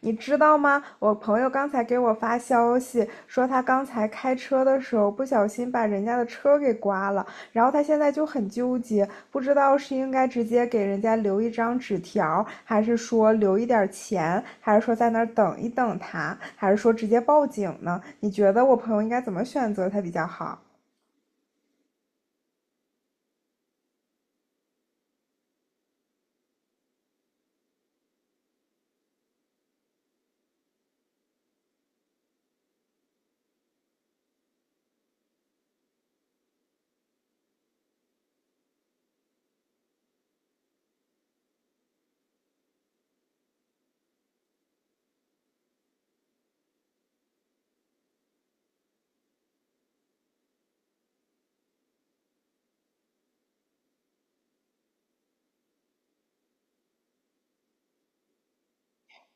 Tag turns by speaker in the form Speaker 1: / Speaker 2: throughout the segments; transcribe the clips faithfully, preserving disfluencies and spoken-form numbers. Speaker 1: 你知道吗？我朋友刚才给我发消息说，他刚才开车的时候不小心把人家的车给刮了，然后他现在就很纠结，不知道是应该直接给人家留一张纸条，还是说留一点钱，还是说在那儿等一等他，还是说直接报警呢？你觉得我朋友应该怎么选择才比较好？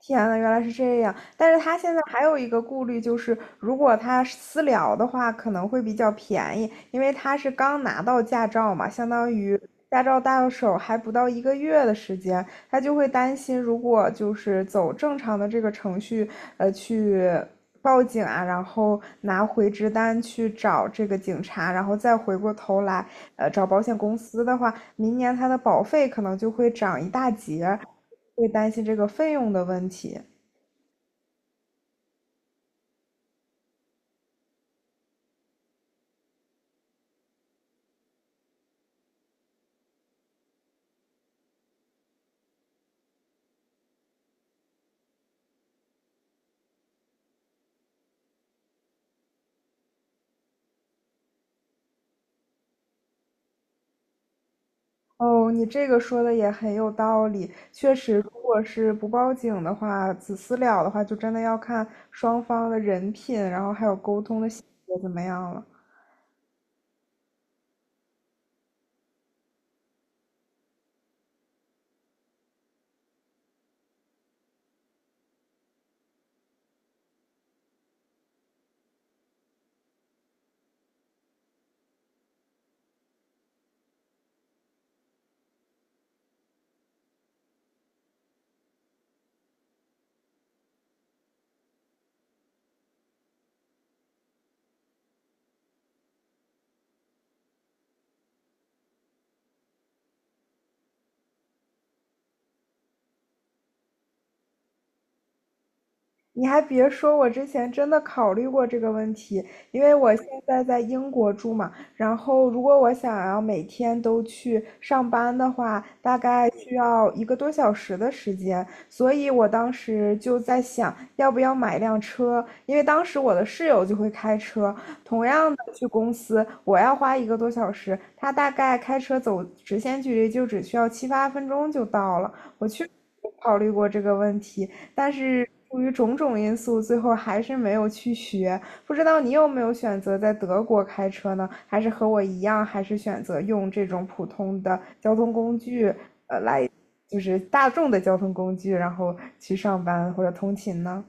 Speaker 1: 天呐，原来是这样！但是他现在还有一个顾虑，就是如果他私聊的话，可能会比较便宜，因为他是刚拿到驾照嘛，相当于驾照到手还不到一个月的时间，他就会担心，如果就是走正常的这个程序，呃，去报警啊，然后拿回执单去找这个警察，然后再回过头来，呃，找保险公司的话，明年他的保费可能就会涨一大截，会担心这个费用的问题。哦，你这个说的也很有道理。确实，如果是不报警的话，子私了的话，就真的要看双方的人品，然后还有沟通的细节怎么样了。你还别说，我之前真的考虑过这个问题，因为我现在在英国住嘛，然后如果我想要每天都去上班的话，大概需要一个多小时的时间，所以我当时就在想，要不要买一辆车，因为当时我的室友就会开车，同样的去公司，我要花一个多小时，他大概开车走直线距离就只需要七八分钟就到了，考虑过这个问题，但是出于种种因素，最后还是没有去学。不知道你有没有选择在德国开车呢？还是和我一样，还是选择用这种普通的交通工具，就是大众的交通工具，然后去上班或者通勤呢？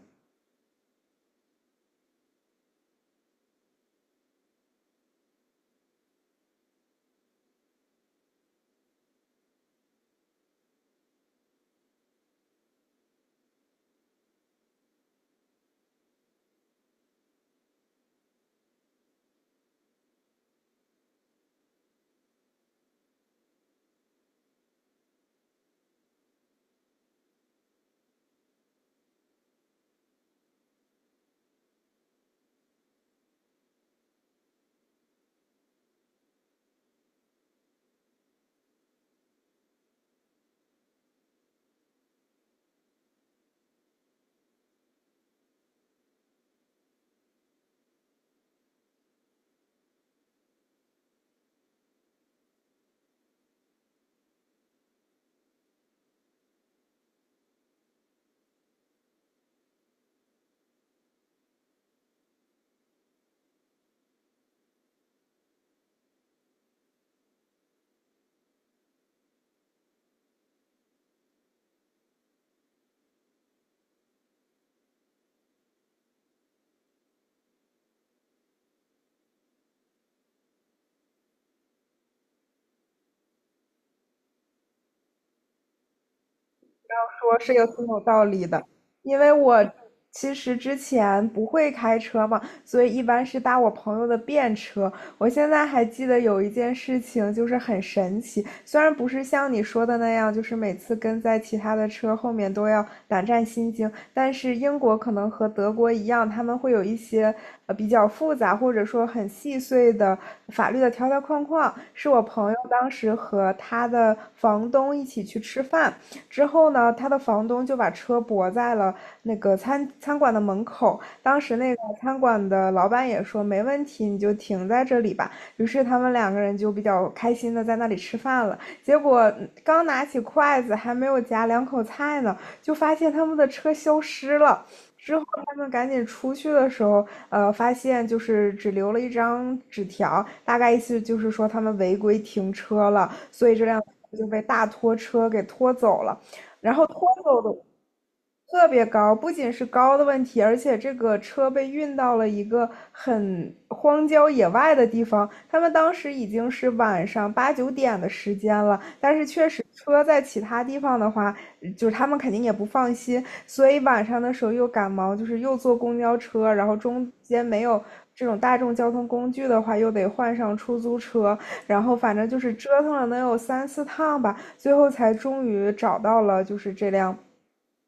Speaker 1: 说是有挺有道理的，因为我其实之前不会开车嘛，所以一般是搭我朋友的便车。我现在还记得有一件事情，就是很神奇，虽然不是像你说的那样，就是每次跟在其他的车后面都要胆战心惊，但是英国可能和德国一样，他们会有一些呃比较复杂或者说很细碎的法律的条条框框。是我朋友当时和他的房东一起去吃饭。之后呢，他的房东就把车泊在了那个餐餐馆的门口。当时那个餐馆的老板也说没问题，你就停在这里吧。于是他们两个人就比较开心的在那里吃饭了。结果刚拿起筷子，还没有夹两口菜呢，就发现他们的车消失了。之后他们赶紧出去的时候，呃，发现就是只留了一张纸条，大概意思就是说他们违规停车了，所以这辆车就被大拖车给拖走了。然后脱走的特别高，不仅是高的问题，而且这个车被运到了一个很荒郊野外的地方。他们当时已经是晚上八九点的时间了，但是确实车在其他地方的话，就是他们肯定也不放心，所以晚上的时候又赶忙，就是又坐公交车，然后中间没有这种大众交通工具的话，又得换上出租车，然后反正就是折腾了能有三四趟吧。最后才终于找到了，就是这辆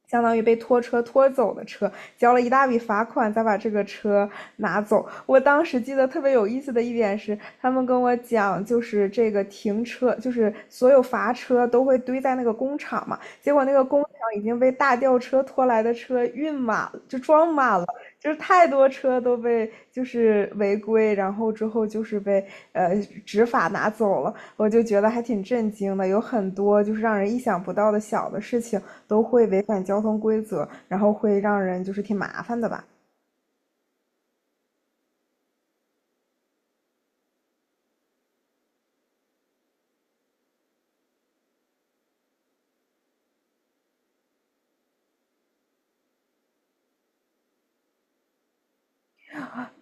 Speaker 1: 相当于被拖车拖走的车，交了一大笔罚款，才把这个车拿走。我当时记得特别有意思的一点是，他们跟我讲，就是这个停车，就是所有罚车都会堆在那个工厂嘛，结果那个工厂已经被大吊车拖来的车运满，就装满了。就是太多车都被就是违规，然后之后就是被呃执法拿走了。我就觉得还挺震惊的，有很多就是让人意想不到的小的事情都会违反交通规则，然后会让人就是挺麻烦的吧。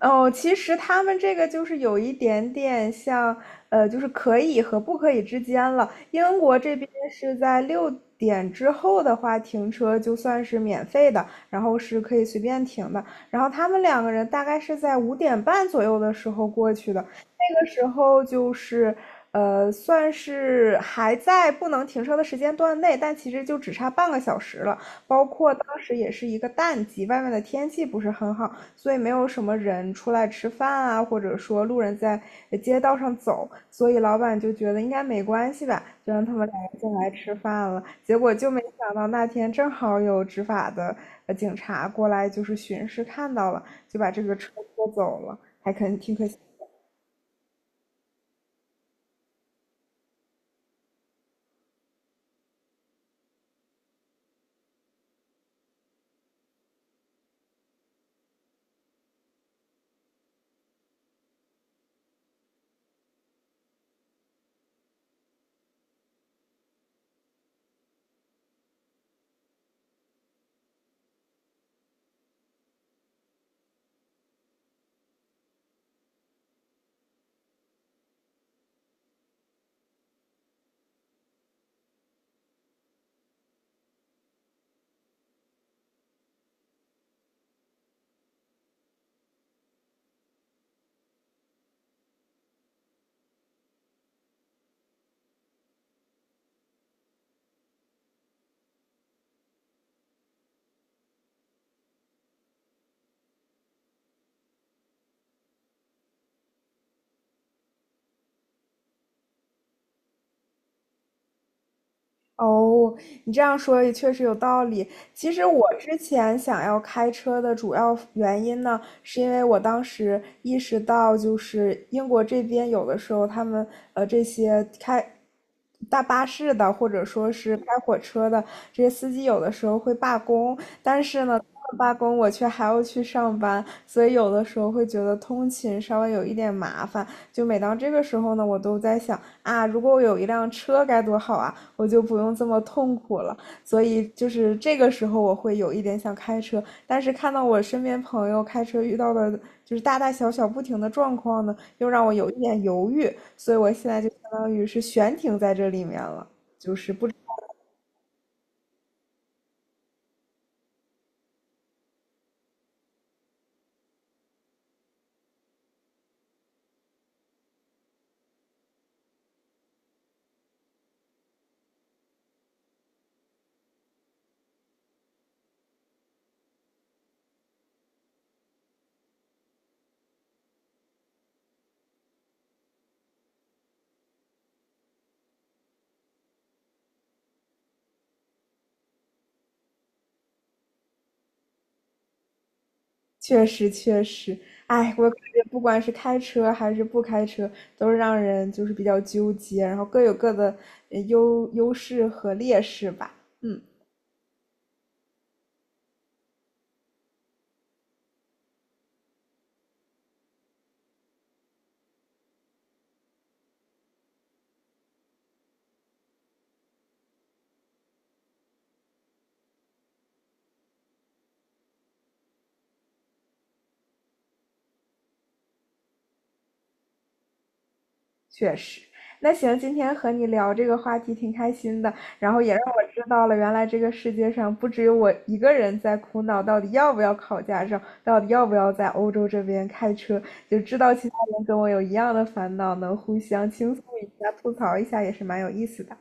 Speaker 1: 哦，其实他们这个就是有一点点像，呃，就是可以和不可以之间了。英国这边是在六点之后的话，停车就算是免费的，然后是可以随便停的。然后他们两个人大概是在五点半左右的时候过去的，那个时候就是，呃，算是还在不能停车的时间段内，但其实就只差半个小时了。包括当时也是一个淡季，外面的天气不是很好。所以没有什么人出来吃饭啊，或者说路人在街道上走，所以老板就觉得应该没关系吧，就让他们俩个进来吃饭了。结果就没想到那天正好有执法的呃警察过来，就是巡视看到了，就把这个车拖走了。哦，你这样说也确实有道理。其实我之前想要开车的主要原因呢，是因为我当时意识到，就是英国这边有的时候他们呃这些开大巴士的，或者说是开火车的这些司机，有的时候会罢工，但是呢，他们罢工我却还要去上班，所以有的时候会觉得通勤稍微有一点麻烦。就每当这个时候呢，我都在想啊，如果我有一辆车该多好啊，我就不用这么痛苦了。所以就是这个时候，我会有一点想开车，但是看到我身边朋友开车遇到的就是大大小小不停的状况呢，又让我有一点犹豫，所以我现在就相当于是悬停在这里面了。确实，确实，哎，我感觉不管是开车还是不开车，都是让人就是比较纠结，然后各有各的呃优优势和劣势吧。嗯，确实，那行，今天和你聊这个话题挺开心的，然后也让我知道了，原来这个世界上不只有我一个人在苦恼，到底要不要考驾照，到底要不要在欧洲这边开车，就知道其他人跟我有一样的烦恼，能互相倾诉一下、吐槽一下，也是蛮有意思的。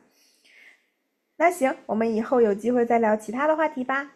Speaker 1: 那行，我们以后有机会再聊其他的话题吧。